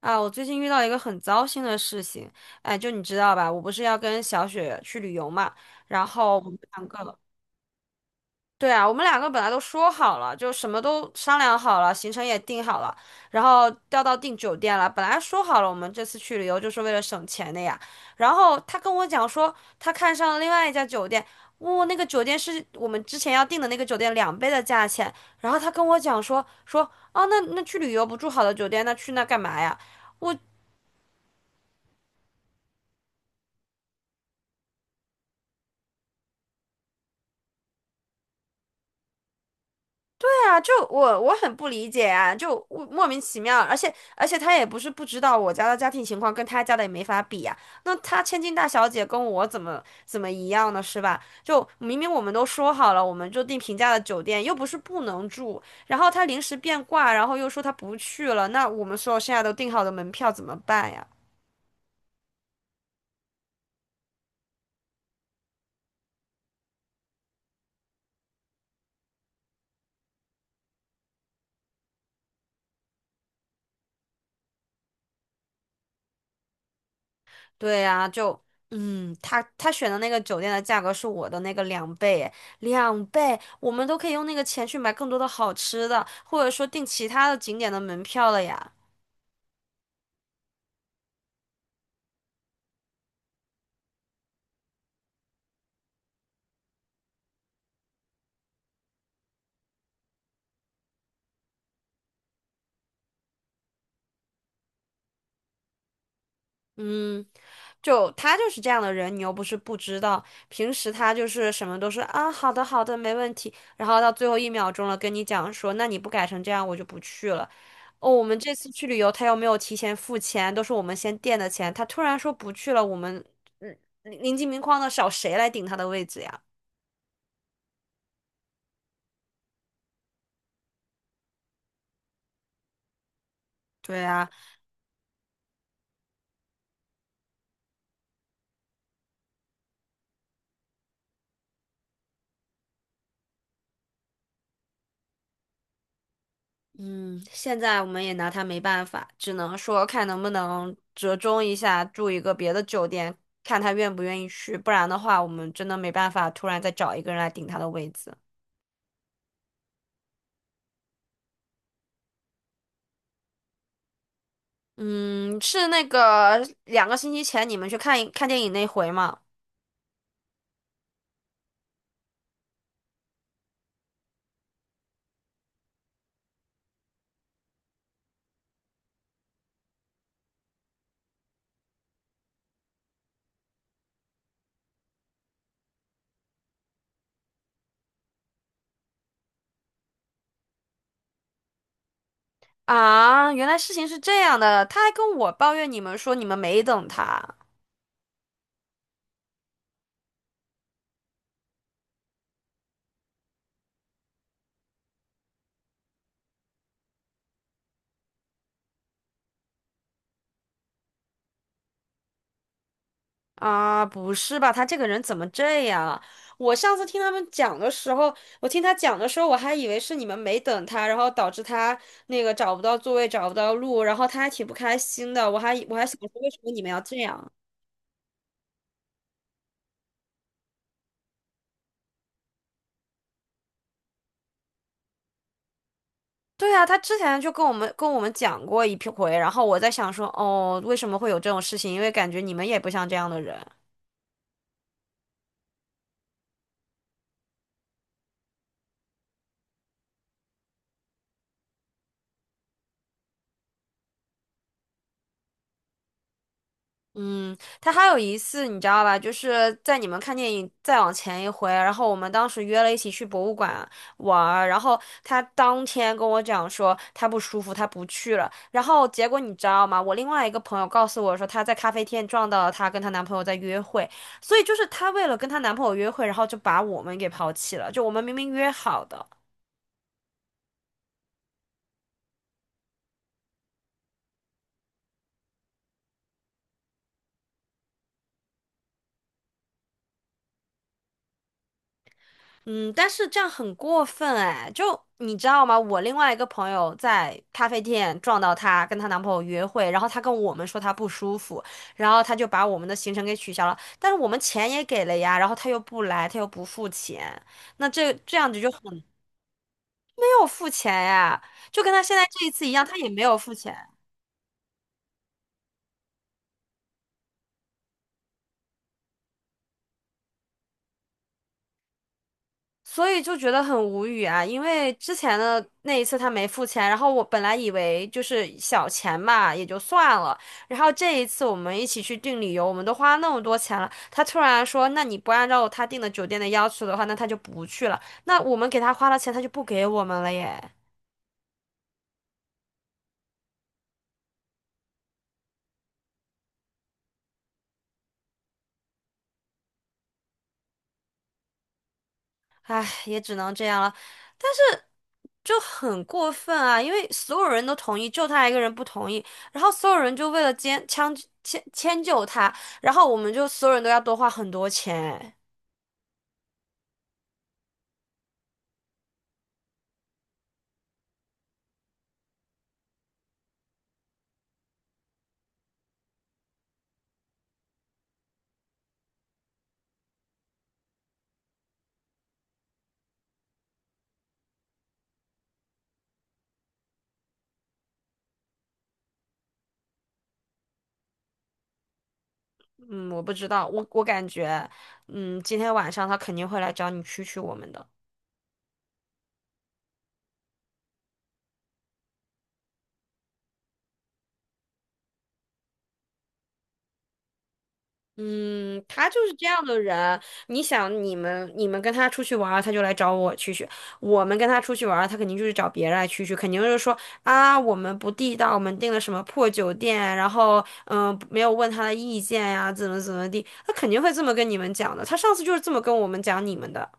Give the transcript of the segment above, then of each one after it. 啊，我最近遇到一个很糟心的事情，哎，就你知道吧，我不是要跟小雪去旅游嘛，然后我们两个，对啊，我们两个本来都说好了，就什么都商量好了，行程也定好了，然后调到订酒店了，本来说好了我们这次去旅游就是为了省钱的呀，然后他跟我讲说他看上了另外一家酒店，哇，那个酒店是我们之前要订的那个酒店两倍的价钱，然后他跟我讲说啊，那去旅游不住好的酒店，那去那干嘛呀？我。对啊，就我很不理解啊，就我莫名其妙，而且他也不是不知道我家的家庭情况跟他家的也没法比呀，那他千金大小姐跟我怎么一样呢？是吧？就明明我们都说好了，我们就订平价的酒店，又不是不能住，然后他临时变卦，然后又说他不去了，那我们所有现在都订好的门票怎么办呀？对呀，就他选的那个酒店的价格是我的那个两倍诶，两倍，我们都可以用那个钱去买更多的好吃的，或者说订其他的景点的门票了呀。嗯，就他就是这样的人，你又不是不知道。平时他就是什么都是啊，好的好的，没问题。然后到最后一秒钟了，跟你讲说，那你不改成这样，我就不去了。哦，我们这次去旅游，他又没有提前付钱，都是我们先垫的钱。他突然说不去了，我们嗯，临近明框的找谁来顶他的位置呀？对呀，嗯，现在我们也拿他没办法，只能说看能不能折中一下，住一个别的酒店，看他愿不愿意去，不然的话，我们真的没办法突然再找一个人来顶他的位子。嗯，是那个2个星期前你们去看看电影那回吗？啊，原来事情是这样的，他还跟我抱怨你们说你们没等他。啊，不是吧？他这个人怎么这样啊？我上次听他们讲的时候，我听他讲的时候，我还以为是你们没等他，然后导致他那个找不到座位，找不到路，然后他还挺不开心的。我还想说，为什么你们要这样？对啊，他之前就跟我们讲过一批回，然后我在想说，哦，为什么会有这种事情？因为感觉你们也不像这样的人。嗯，他还有一次你知道吧，就是在你们看电影再往前一回，然后我们当时约了一起去博物馆玩儿，然后他当天跟我讲说他不舒服，他不去了。然后结果你知道吗？我另外一个朋友告诉我说她在咖啡店撞到了她跟她男朋友在约会，所以就是她为了跟她男朋友约会，然后就把我们给抛弃了，就我们明明约好的。嗯，但是这样很过分哎，就你知道吗？我另外一个朋友在咖啡店撞到她，跟她男朋友约会，然后她跟我们说她不舒服，然后她就把我们的行程给取消了，但是我们钱也给了呀，然后她又不来，她又不付钱，那这样子就很没有付钱呀，就跟她现在这一次一样，她也没有付钱。所以就觉得很无语啊，因为之前的那一次他没付钱，然后我本来以为就是小钱嘛，也就算了，然后这一次我们一起去订旅游，我们都花那么多钱了，他突然说，那你不按照他订的酒店的要求的话，那他就不去了，那我们给他花了钱，他就不给我们了耶。唉，也只能这样了。但是就很过分啊，因为所有人都同意，就他一个人不同意，然后所有人就为了迁迁迁迁就他，然后我们就所有人都要多花很多钱。嗯，我不知道，我感觉，嗯，今天晚上他肯定会来找你蛐蛐我们的。嗯，他就是这样的人。你想，你们跟他出去玩儿他就来找我蛐蛐；我们跟他出去玩儿他肯定就是找别人来蛐蛐，肯定就是说啊，我们不地道，我们订了什么破酒店，然后没有问他的意见呀，怎么地，他肯定会这么跟你们讲的。他上次就是这么跟我们讲你们的。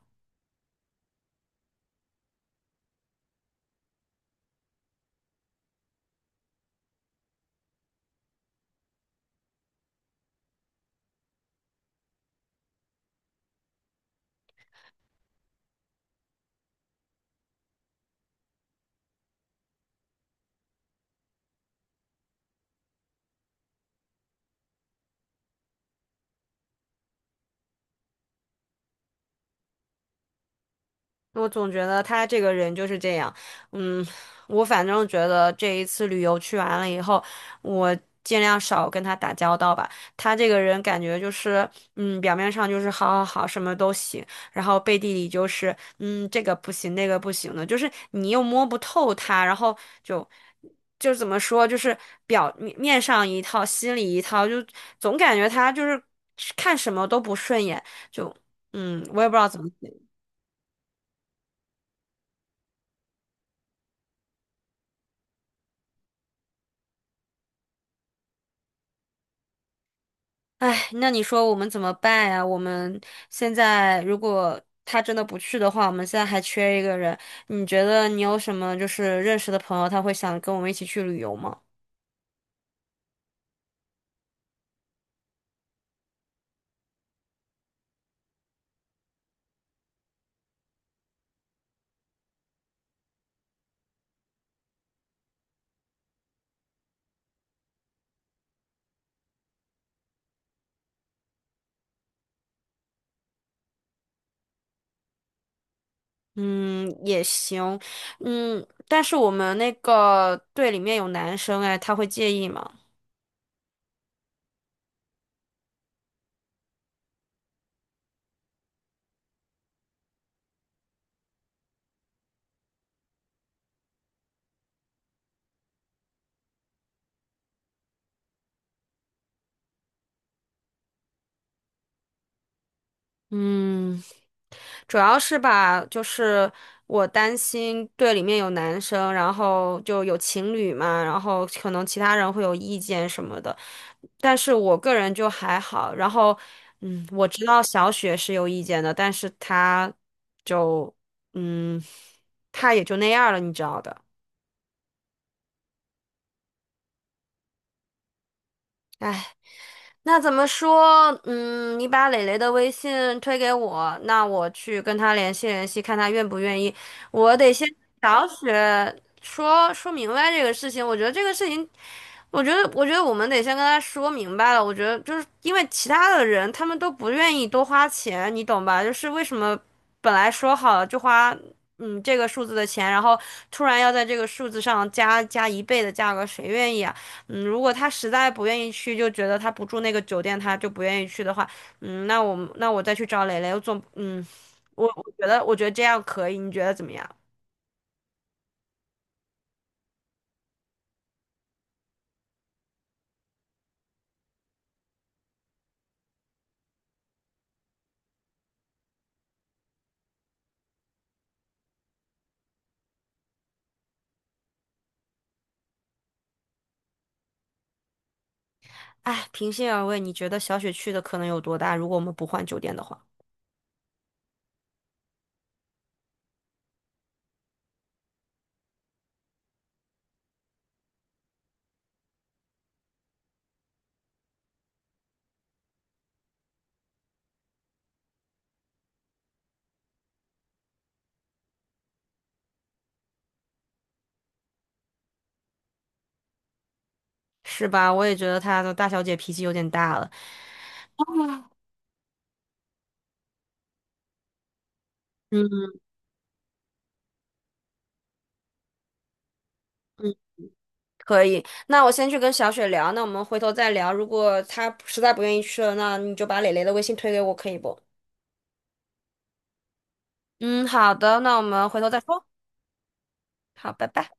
我总觉得他这个人就是这样，嗯，我反正觉得这一次旅游去完了以后，我尽量少跟他打交道吧。他这个人感觉就是，表面上就是好好好，什么都行，然后背地里就是，这个不行，那个不行的，就是你又摸不透他，然后就怎么说，就是表面上一套，心里一套，就总感觉他就是看什么都不顺眼，就我也不知道怎么。哎，那你说我们怎么办呀？我们现在如果他真的不去的话，我们现在还缺一个人。你觉得你有什么就是认识的朋友，他会想跟我们一起去旅游吗？嗯，也行。嗯，但是我们那个队里面有男生，哎，他会介意吗？嗯。主要是吧，就是我担心队里面有男生，然后就有情侣嘛，然后可能其他人会有意见什么的，但是我个人就还好。然后，我知道小雪是有意见的，但是她就，嗯，她也就那样了，你知道的。唉。那怎么说？嗯，你把磊磊的微信推给我，那我去跟他联系联系，看他愿不愿意。我得先找雪说说明白这个事情。我觉得这个事情，我觉得我们得先跟他说明白了。我觉得就是因为其他的人他们都不愿意多花钱，你懂吧？就是为什么本来说好了就花这个数字的钱，然后突然要在这个数字上加一倍的价格，谁愿意啊？嗯，如果他实在不愿意去，就觉得他不住那个酒店，他就不愿意去的话，嗯，那我再去找蕾蕾，我总嗯，我觉得这样可以，你觉得怎么样？哎，平心而论，你觉得小雪去的可能有多大？如果我们不换酒店的话，是吧？我也觉得她的大小姐脾气有点大了。嗯嗯，可以。那我先去跟小雪聊，那我们回头再聊。如果她实在不愿意去了，那你就把蕾蕾的微信推给我，可以不？嗯，好的，那我们回头再说。好，拜拜。